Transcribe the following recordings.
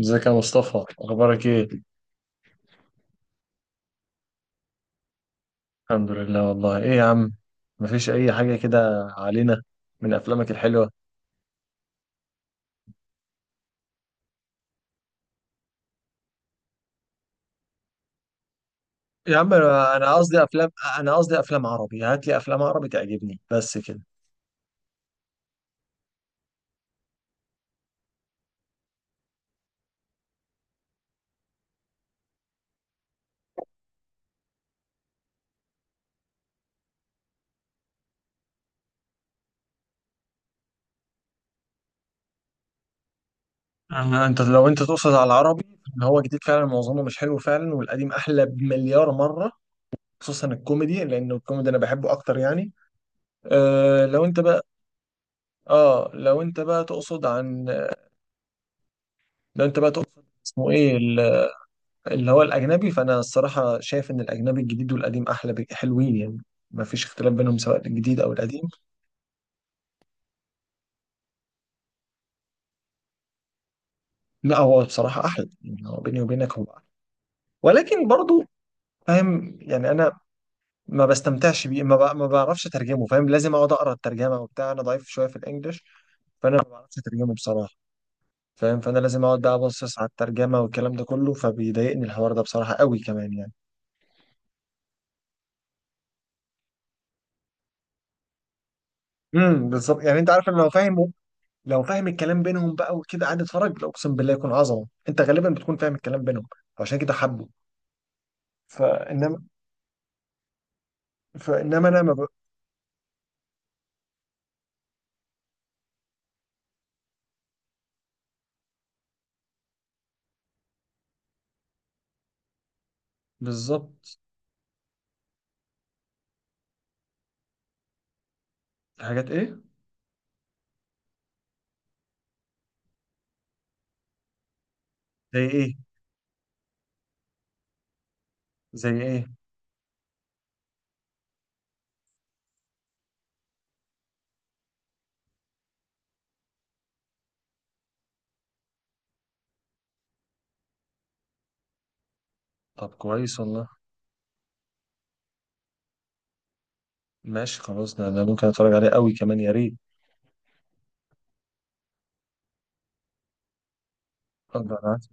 ازيك يا مصطفى؟ اخبارك ايه؟ الحمد لله والله. ايه يا عم؟ مفيش اي حاجه كده علينا. من افلامك الحلوه. يا عم انا قصدي افلام. انا قصدي افلام عربي، هات لي افلام عربي تعجبني بس كده. أنا- انت لو انت تقصد على العربي، ان هو جديد فعلا معظمه مش حلو فعلا، والقديم احلى بمليار مره. خصوصا الكوميدي، لان الكوميدي انا بحبه اكتر يعني. لو انت بقى، اه لو انت بقى تقصد عن، لو انت بقى تقصد اسمه ايه، اللي هو الأجنبي، فأنا الصراحة شايف إن الأجنبي الجديد والقديم أحلى حلوين يعني. ما فيش اختلاف بينهم، سواء الجديد أو القديم. لا، هو بصراحة أحلى يعني. هو بيني وبينك هو أحلى، ولكن برضو، فاهم يعني؟ أنا ما بستمتعش بيه، ما بعرفش أترجمه. فاهم؟ لازم أقعد أقرأ الترجمة وبتاع، أنا ضعيف شوية في الإنجليش. فأنا ما بعرفش أترجمه بصراحة. فاهم؟ فأنا لازم أقعد بقى أبصص على الترجمة والكلام ده كله، فبيضايقني الحوار ده بصراحة قوي كمان يعني. بالظبط يعني. أنت عارف إن هو فاهم، لو فاهم الكلام بينهم بقى وكده قاعد اتفرج، لا اقسم بالله يكون عظمه. انت غالبا بتكون فاهم الكلام بينهم. عشان كده حبه. فانما. فانما انا ما ب... بالظبط في حاجات ايه؟ زي ايه؟ زي ايه؟ طب كويس والله. ماشي خلاص، ده ممكن اتفرج عليه قوي كمان يا ريت. اتفضل، ابعت.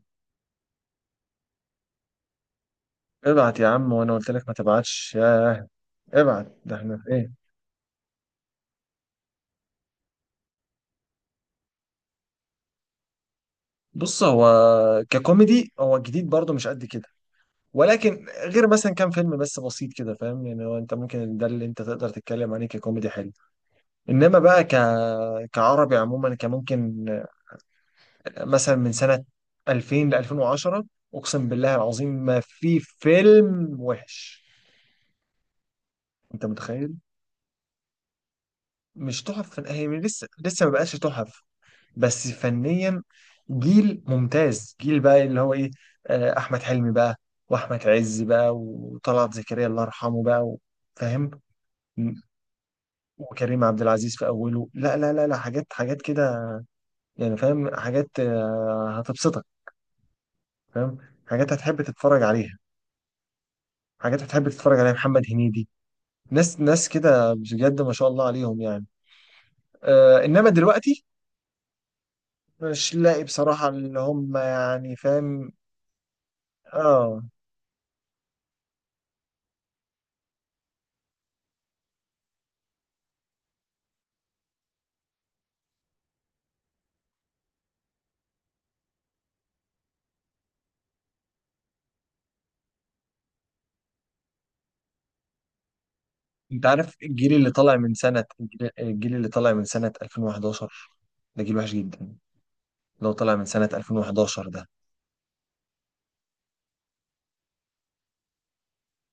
ابعت يا عم، وانا قلت لك ما تبعتش ياه. ابعت، ده احنا في ايه؟ بص، هو ككوميدي هو جديد برضه مش قد كده. ولكن غير مثلا كام فيلم بس بسيط كده، فاهم يعني؟ هو انت ممكن ده اللي انت تقدر تتكلم عليه ككوميدي حلو. انما بقى. كعربي عموما كان ممكن، مثلا من سنة 2000 ل 2010، اقسم بالله العظيم ما في فيلم وحش. انت متخيل؟ مش تحف هي من لسه لسه ما بقاش تحف. بس فنيا، جيل ممتاز، جيل بقى اللي هو ايه. احمد حلمي بقى، واحمد عز بقى، وطلعت زكريا الله يرحمه بقى فاهم؟ وكريم عبد العزيز في اوله. لا لا لا لا، حاجات حاجات كده يعني. فاهم، حاجات هتبسطك. فاهم. حاجات هتحب تتفرج عليها. حاجات هتحب تتفرج عليها، محمد هنيدي. ناس ناس كده بجد ما شاء الله عليهم يعني. انما دلوقتي، مش لاقي بصراحة اللي هم يعني. فاهم؟ اه انت عارف الجيل اللي طالع من سنة 2011، ده جيل وحش جدا. لو طالع من سنة 2011 ده،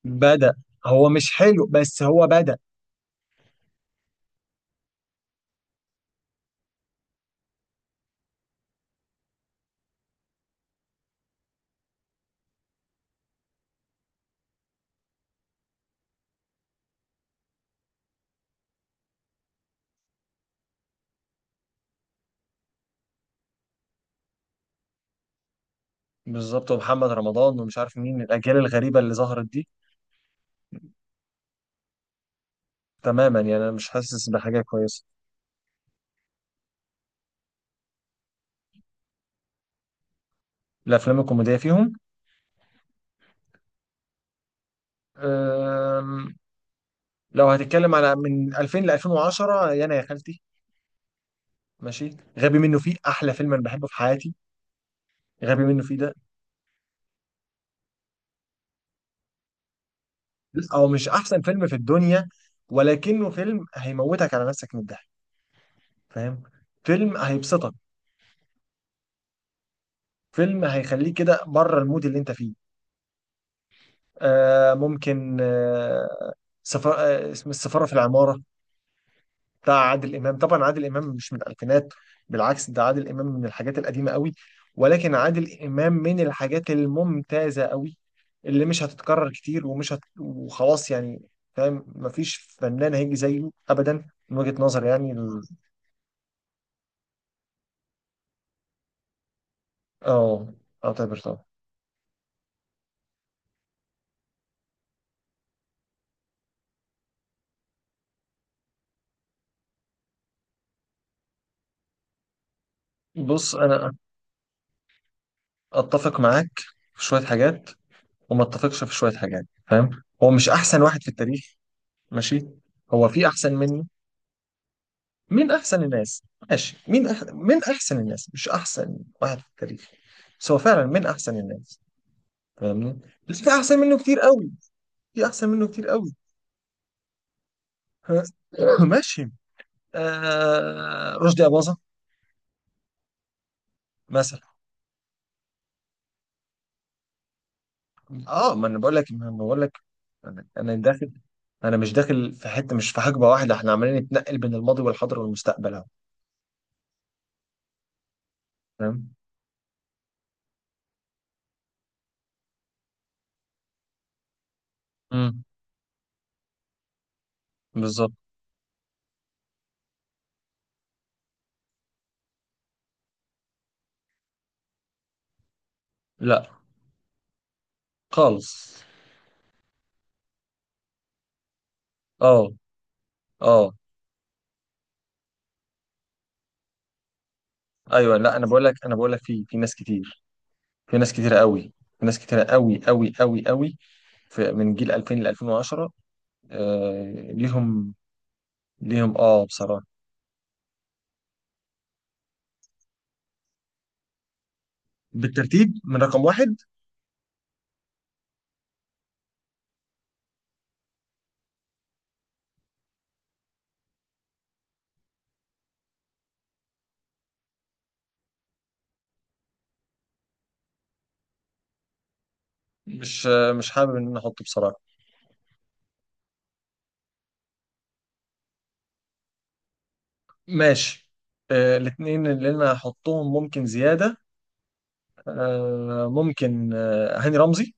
بدأ. هو مش حلو بس هو بدأ. بالظبط. ومحمد رمضان ومش عارف مين، الأجيال الغريبة اللي ظهرت دي. تماما يعني، أنا مش حاسس بحاجة كويسة. الأفلام الكوميدية فيهم؟ أم، لو هتتكلم على من 2000 ل 2010، يانا يا خالتي. ماشي. غبي منه فيه احلى فيلم انا بحبه في حياتي. غبي منه فيه ده. او مش احسن فيلم في الدنيا، ولكنه فيلم هيموتك على نفسك من الضحك. فاهم؟ فيلم هيبسطك. فيلم هيخليك كده بره المود اللي انت فيه. ممكن، سفر، اسم السفارة في العمارة، بتاع عادل امام. طبعا عادل امام مش من الالفينات، بالعكس، ده عادل امام من الحاجات القديمه قوي. ولكن عادل امام من الحاجات الممتازه قوي، اللي مش هتتكرر كتير وخلاص يعني. فاهم؟ مفيش فنان هيجي زيه ابدا من وجهه نظر يعني اه اعتبر طبعا. بص، انا اتفق معاك في شويه حاجات، وما اتفقش في شويه حاجات. فاهم؟ هو مش احسن واحد في التاريخ. ماشي. هو في احسن منه. مين احسن الناس؟ ماشي، مين احسن الناس، مش احسن واحد في التاريخ، بس هو فعلا مين احسن الناس. فاهمني؟ بس في احسن منه كتير قوي. في احسن منه كتير قوي. ها؟ ماشي. رشدي اباظة مثلا. اه ما انا بقول لك، ما أنا بقول لك، انا داخل. انا مش داخل في حته، مش في حقبه واحده. احنا عمالين نتنقل بين الماضي والحاضر والمستقبل اهو. فاهم. امم بالظبط. لا خالص. اه. اه. ايوه. لا، انا بقول لك، انا بقول لك، في ناس كتير. في ناس كتيرة قوي. في ناس كتيرة قوي قوي قوي قوي. في من جيل 2000 ل 2010. ليهم. ليهم بصراحة. بالترتيب من رقم واحد؟ مش حابب ان انا احطه بصراحة. ماشي. الاتنين اللي انا هحطهم ممكن زيادة. ممكن، هاني رمزي.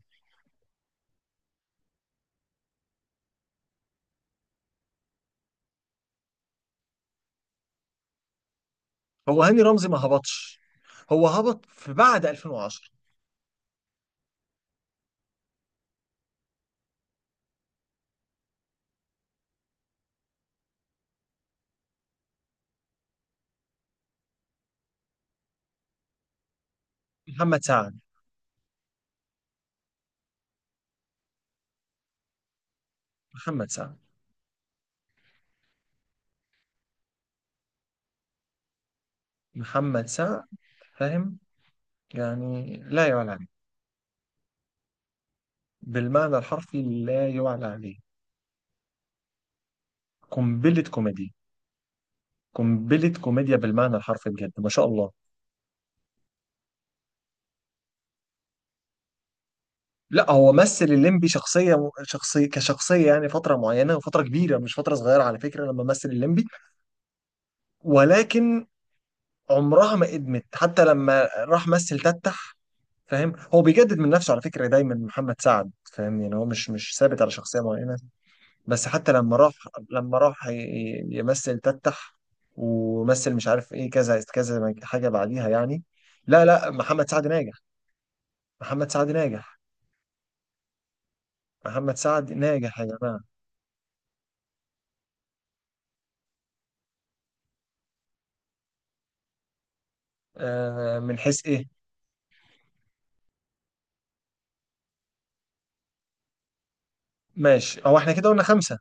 هو هاني رمزي ما هبطش. هو هبط في بعد 2010. محمد سعد. محمد سعد. محمد سعد. فاهم؟ يعني لا يعلى عليه. بالمعنى الحرفي لا يعلى عليه. قنبلة كوميديا. قنبلة كوميديا بالمعنى الحرفي، بجد ما شاء الله. لا، هو مثل الليمبي شخصية كشخصية، يعني فترة معينة. وفترة كبيرة مش فترة صغيرة على فكرة لما مثل الليمبي. ولكن عمرها ما ادمت حتى لما راح مثل تتح. فاهم؟ هو بيجدد من نفسه على فكرة دايما محمد سعد. فاهم يعني؟ هو مش ثابت على شخصية معينة. بس حتى لما راح، لما راح يمثل تتح، ومثل مش عارف ايه كذا كذا حاجة بعديها يعني. لا لا، محمد سعد ناجح. محمد سعد ناجح. محمد سعد ناجح يا جماعة. من حيث ايه؟ ماشي، هو احنا كده قلنا خمسة.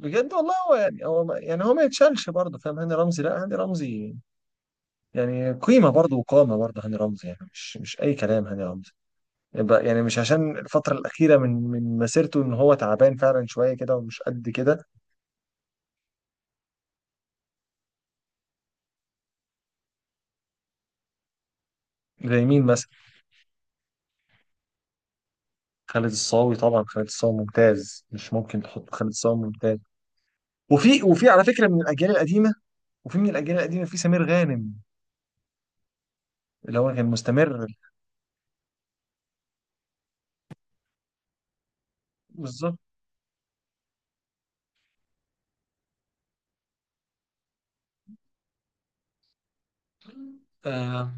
بجد والله، هو يعني هو ما- يعني هو ما يتشالش برضه، فاهم؟ هاني رمزي، لا هاني رمزي يعني قيمة برضه، وقامة برضه هاني رمزي، يعني مش أي كلام هاني رمزي. يبقى يعني مش عشان الفترة الأخيرة من مسيرته إن هو تعبان فعلا شوية كده ومش قد كده. زي مين مثلا؟ خالد الصاوي طبعا، خالد الصاوي ممتاز، مش ممكن تحط خالد الصاوي ممتاج. وفي على فكرة من الأجيال القديمة، وفي من الأجيال القديمة في سمير غانم اللي هو كان مستمر. بالظبط. آه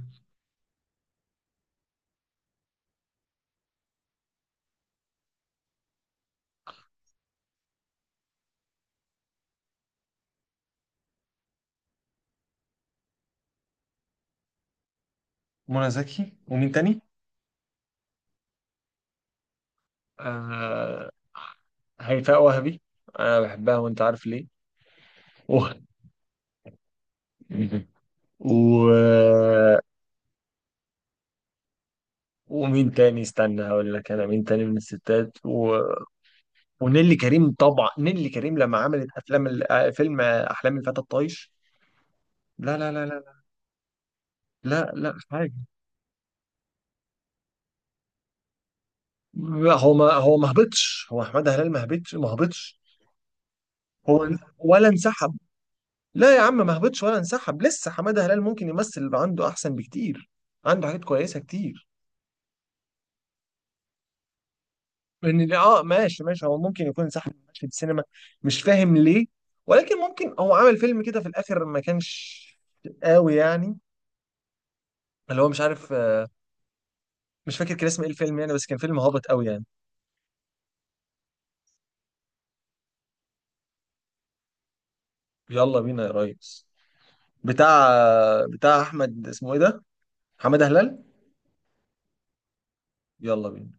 منى زكي، ومين تاني؟ آه هيفاء وهبي. انا بحبها، وانت عارف ليه. و... و... ومين تاني؟ استنى هقول لك انا مين تاني من الستات. ونيلي كريم طبعا، نيلي كريم لما عملت افلام ال... آه، فيلم احلام الفتى الطايش. لا لا لا لا لا لا، حاجه. لا، هو ما هبطش. هو احمد هلال ما هبطش ما هبطش. هو ولا انسحب. لا يا عم، ما هبطش ولا انسحب. لسه حماده هلال ممكن يمثل يبقى عنده احسن بكتير، عنده حاجات كويسه كتير. ان اه ماشي ماشي، هو ممكن يكون انسحب من مشهد السينما، مش فاهم ليه. ولكن ممكن هو عامل فيلم كده في الاخر ما كانش قوي يعني. اللي هو مش عارف مش فاكر كان اسم ايه الفيلم يعني، بس كان فيلم هابط قوي يعني. يلا بينا يا ريس. بتاع بتاع احمد اسمه ايه ده؟ حماده هلال. يلا بينا.